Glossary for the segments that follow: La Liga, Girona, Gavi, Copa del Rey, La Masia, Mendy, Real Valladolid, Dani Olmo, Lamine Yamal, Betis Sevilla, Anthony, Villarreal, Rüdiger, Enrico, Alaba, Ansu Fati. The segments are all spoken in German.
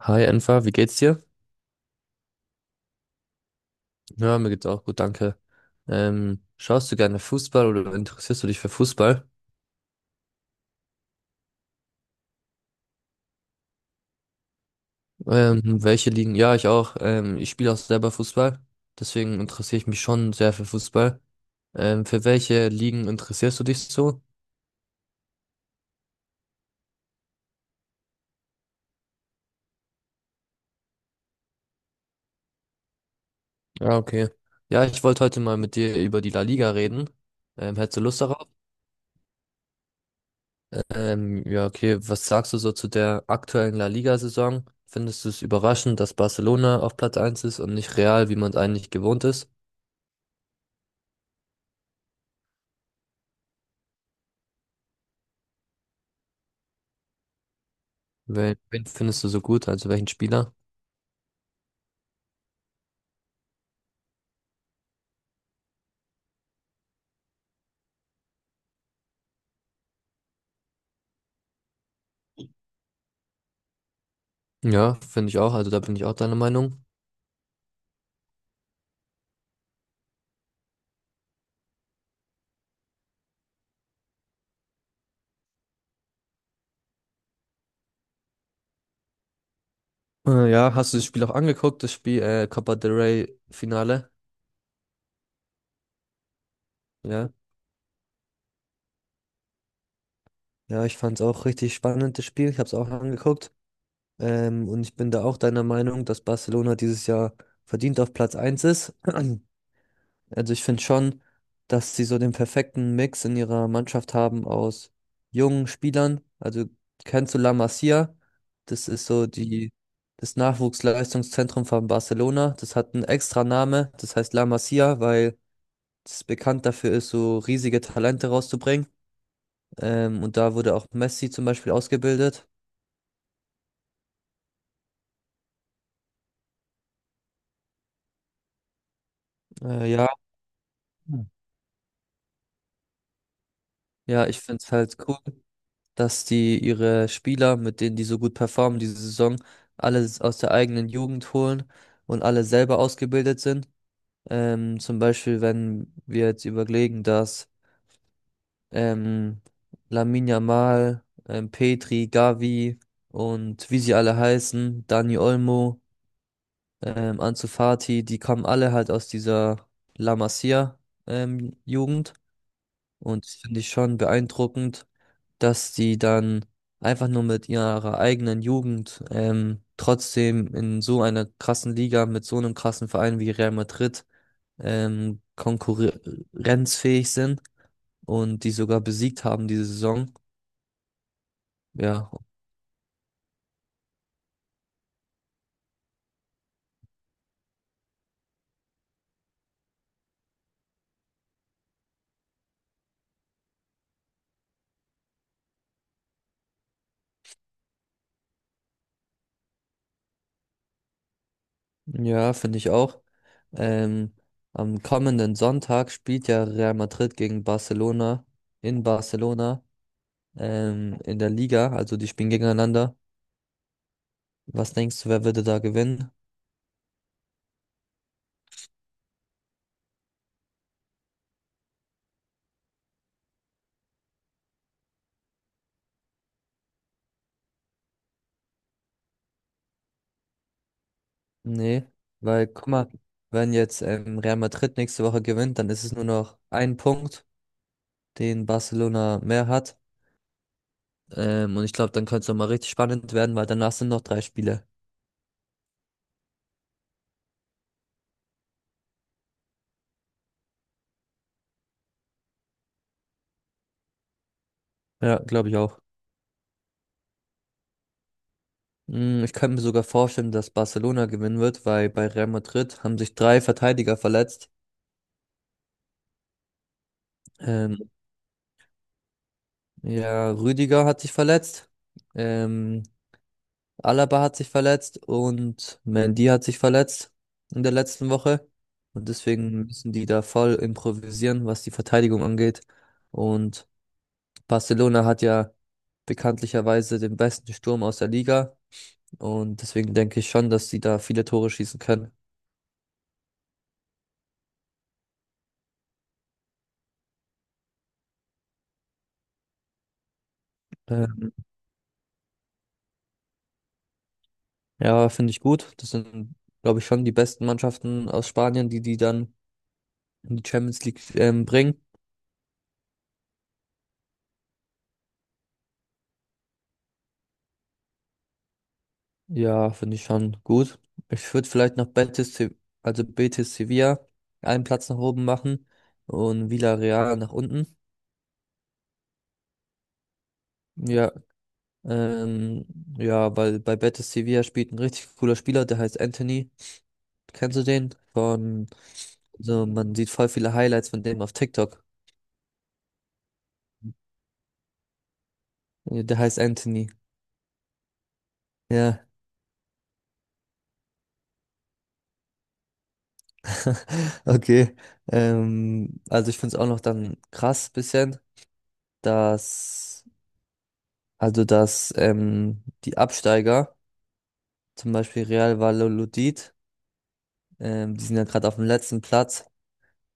Hi Enfa, wie geht's dir? Ja, mir geht's auch gut, danke. Schaust du gerne Fußball oder interessierst du dich für Fußball? Welche Ligen? Ja, ich auch. Ich spiele auch selber Fußball, deswegen interessiere ich mich schon sehr für Fußball. Für welche Ligen interessierst du dich so? Ja, okay. Ja, ich wollte heute mal mit dir über die La Liga reden. Hättest du Lust darauf? Ja, okay. Was sagst du so zu der aktuellen La Liga-Saison? Findest du es überraschend, dass Barcelona auf Platz eins ist und nicht Real, wie man es eigentlich gewohnt ist? Wen findest du so gut? Also welchen Spieler? Ja, finde ich auch. Also da bin ich auch deiner Meinung. Ja, hast du das Spiel auch angeguckt, das Spiel Copa del Rey Finale? Ja. Ja, ich fand es auch richtig spannend, das Spiel. Ich habe es auch angeguckt. Und ich bin da auch deiner Meinung, dass Barcelona dieses Jahr verdient auf Platz eins ist. Also ich finde schon, dass sie so den perfekten Mix in ihrer Mannschaft haben aus jungen Spielern. Also kennst du La Masia? Das ist so die, das Nachwuchsleistungszentrum von Barcelona. Das hat einen extra Name, das heißt La Masia, weil es bekannt dafür ist, so riesige Talente rauszubringen. Und da wurde auch Messi zum Beispiel ausgebildet. Äh, ja, Hm. Ja, Ich finde es halt cool, dass die ihre Spieler, mit denen die so gut performen diese Saison, alle aus der eigenen Jugend holen und alle selber ausgebildet sind. Zum Beispiel, wenn wir jetzt überlegen, dass ähm, Lamine Yamal, Petri, Gavi und wie sie alle heißen, Dani Olmo, Ansu Fati, die kommen alle halt aus dieser La Masia Jugend. Und das finde ich schon beeindruckend, dass die dann einfach nur mit ihrer eigenen Jugend trotzdem in so einer krassen Liga mit so einem krassen Verein wie Real Madrid konkurrenzfähig sind und die sogar besiegt haben diese Saison. Ja, ja, finde ich auch. Ähm, Am kommenden Sonntag spielt ja Real Madrid gegen Barcelona in Barcelona in der Liga, also die spielen gegeneinander. Was denkst du, wer würde da gewinnen? Nee, weil guck mal, wenn jetzt Real Madrid nächste Woche gewinnt, dann ist es nur noch ein Punkt, den Barcelona mehr hat. Und ich glaube, dann könnte es nochmal richtig spannend werden, weil danach sind noch drei Spiele. Ja, glaube ich auch. Mm, ich könnte mir sogar vorstellen, dass Barcelona gewinnen wird, weil bei Real Madrid haben sich drei Verteidiger verletzt. Ähm, ja, Rüdiger hat sich verletzt. Ähm, Alaba hat sich verletzt und Mendy hat sich verletzt in der letzten Woche. Und deswegen müssen die da voll improvisieren, was die Verteidigung angeht. Und Barcelona hat ja bekanntlicherweise den besten Sturm aus der Liga. Und deswegen denke ich schon, dass sie da viele Tore schießen können. Äh, ja, finde ich gut. Das sind, glaube ich, schon die besten Mannschaften aus Spanien, die die dann in die Champions League bringen. Ja, finde ich schon gut. Ich würde vielleicht noch Betis, also Betis Sevilla einen Platz nach oben machen und Villarreal nach unten. Ja, ähm, ja, weil bei Betis Sevilla spielt ein richtig cooler Spieler, der heißt Anthony. Kennst du den? Von, so, man sieht voll viele Highlights von dem auf TikTok. Der heißt Anthony. Ja, okay. Also ich finde es auch noch dann krass bisschen, dass, also dass die Absteiger zum Beispiel Real Valladolid, die sind ja gerade auf dem letzten Platz,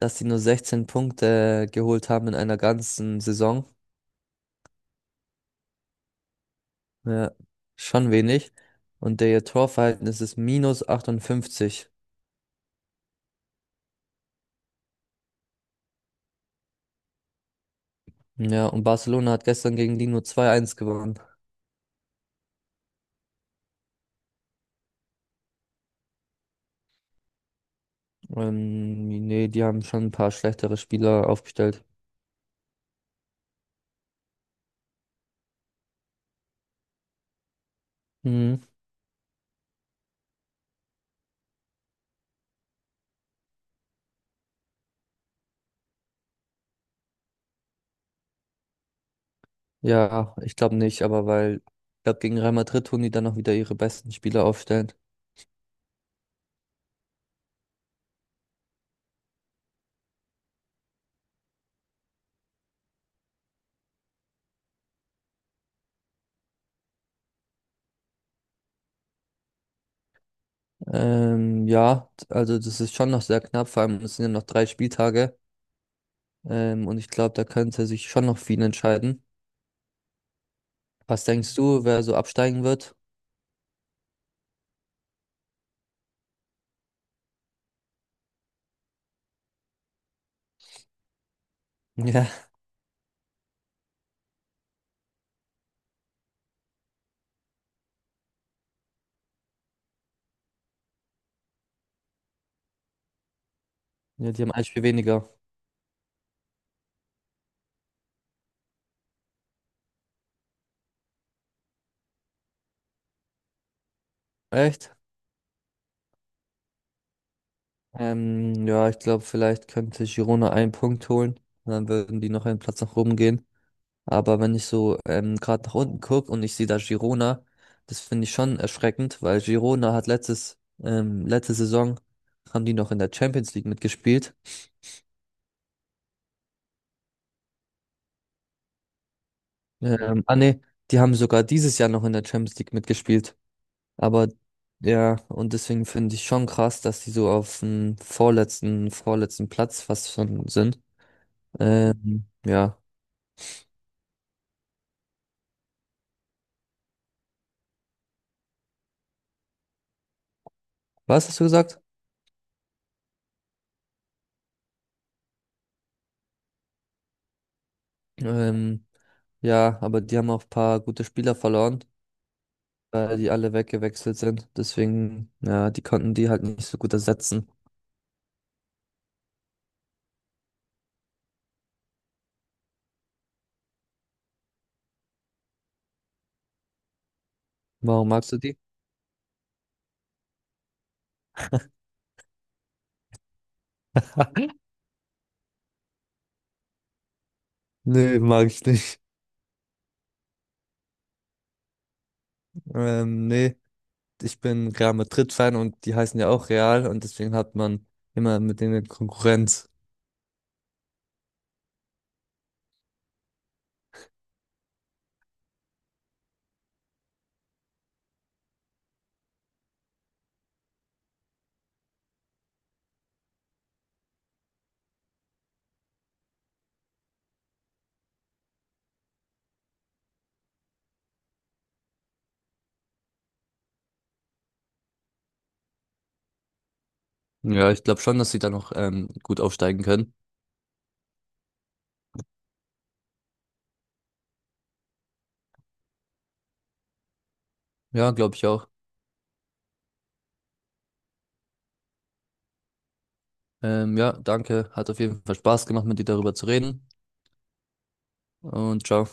dass die nur 16 Punkte geholt haben in einer ganzen Saison. Ja, schon wenig. Und der ihr Torverhältnis ist minus 58. Ja, und Barcelona hat gestern gegen die nur 2-1 gewonnen. Nee, die haben schon ein paar schlechtere Spieler aufgestellt. Mhm. Ja, ich glaube nicht, aber weil, ich glaube, gegen Real Madrid tun die dann noch wieder ihre besten Spieler aufstellen. Ja, also das ist schon noch sehr knapp, vor allem es sind ja noch drei Spieltage. Und ich glaube, da könnte sich schon noch viel entscheiden. Was denkst du, wer so absteigen wird? Ja, ja, die haben ein Spiel weniger. Echt? Ja, ich glaube, vielleicht könnte Girona einen Punkt holen. Und dann würden die noch einen Platz nach oben gehen. Aber wenn ich so gerade nach unten gucke und ich sehe da Girona, das finde ich schon erschreckend, weil Girona hat letzte Saison haben die noch in der Champions League mitgespielt. Ähm, ah ne, Die haben sogar dieses Jahr noch in der Champions League mitgespielt. Aber ja, und deswegen finde ich schon krass, dass die so auf dem vorletzten Platz fast schon sind. Ja, was hast du gesagt? Ähm, ja, aber die haben auch ein paar gute Spieler verloren, weil die alle weggewechselt sind. Deswegen, ja, die konnten die halt nicht so gut ersetzen. Warum magst du die? Nee, mag ich nicht. Nee, ich bin Real Madrid-Fan und die heißen ja auch Real und deswegen hat man immer mit denen Konkurrenz. Ja, ich glaube schon, dass sie da noch gut aufsteigen können. Ja, glaube ich auch. Ja, danke. Hat auf jeden Fall Spaß gemacht, mit dir darüber zu reden. Und ciao.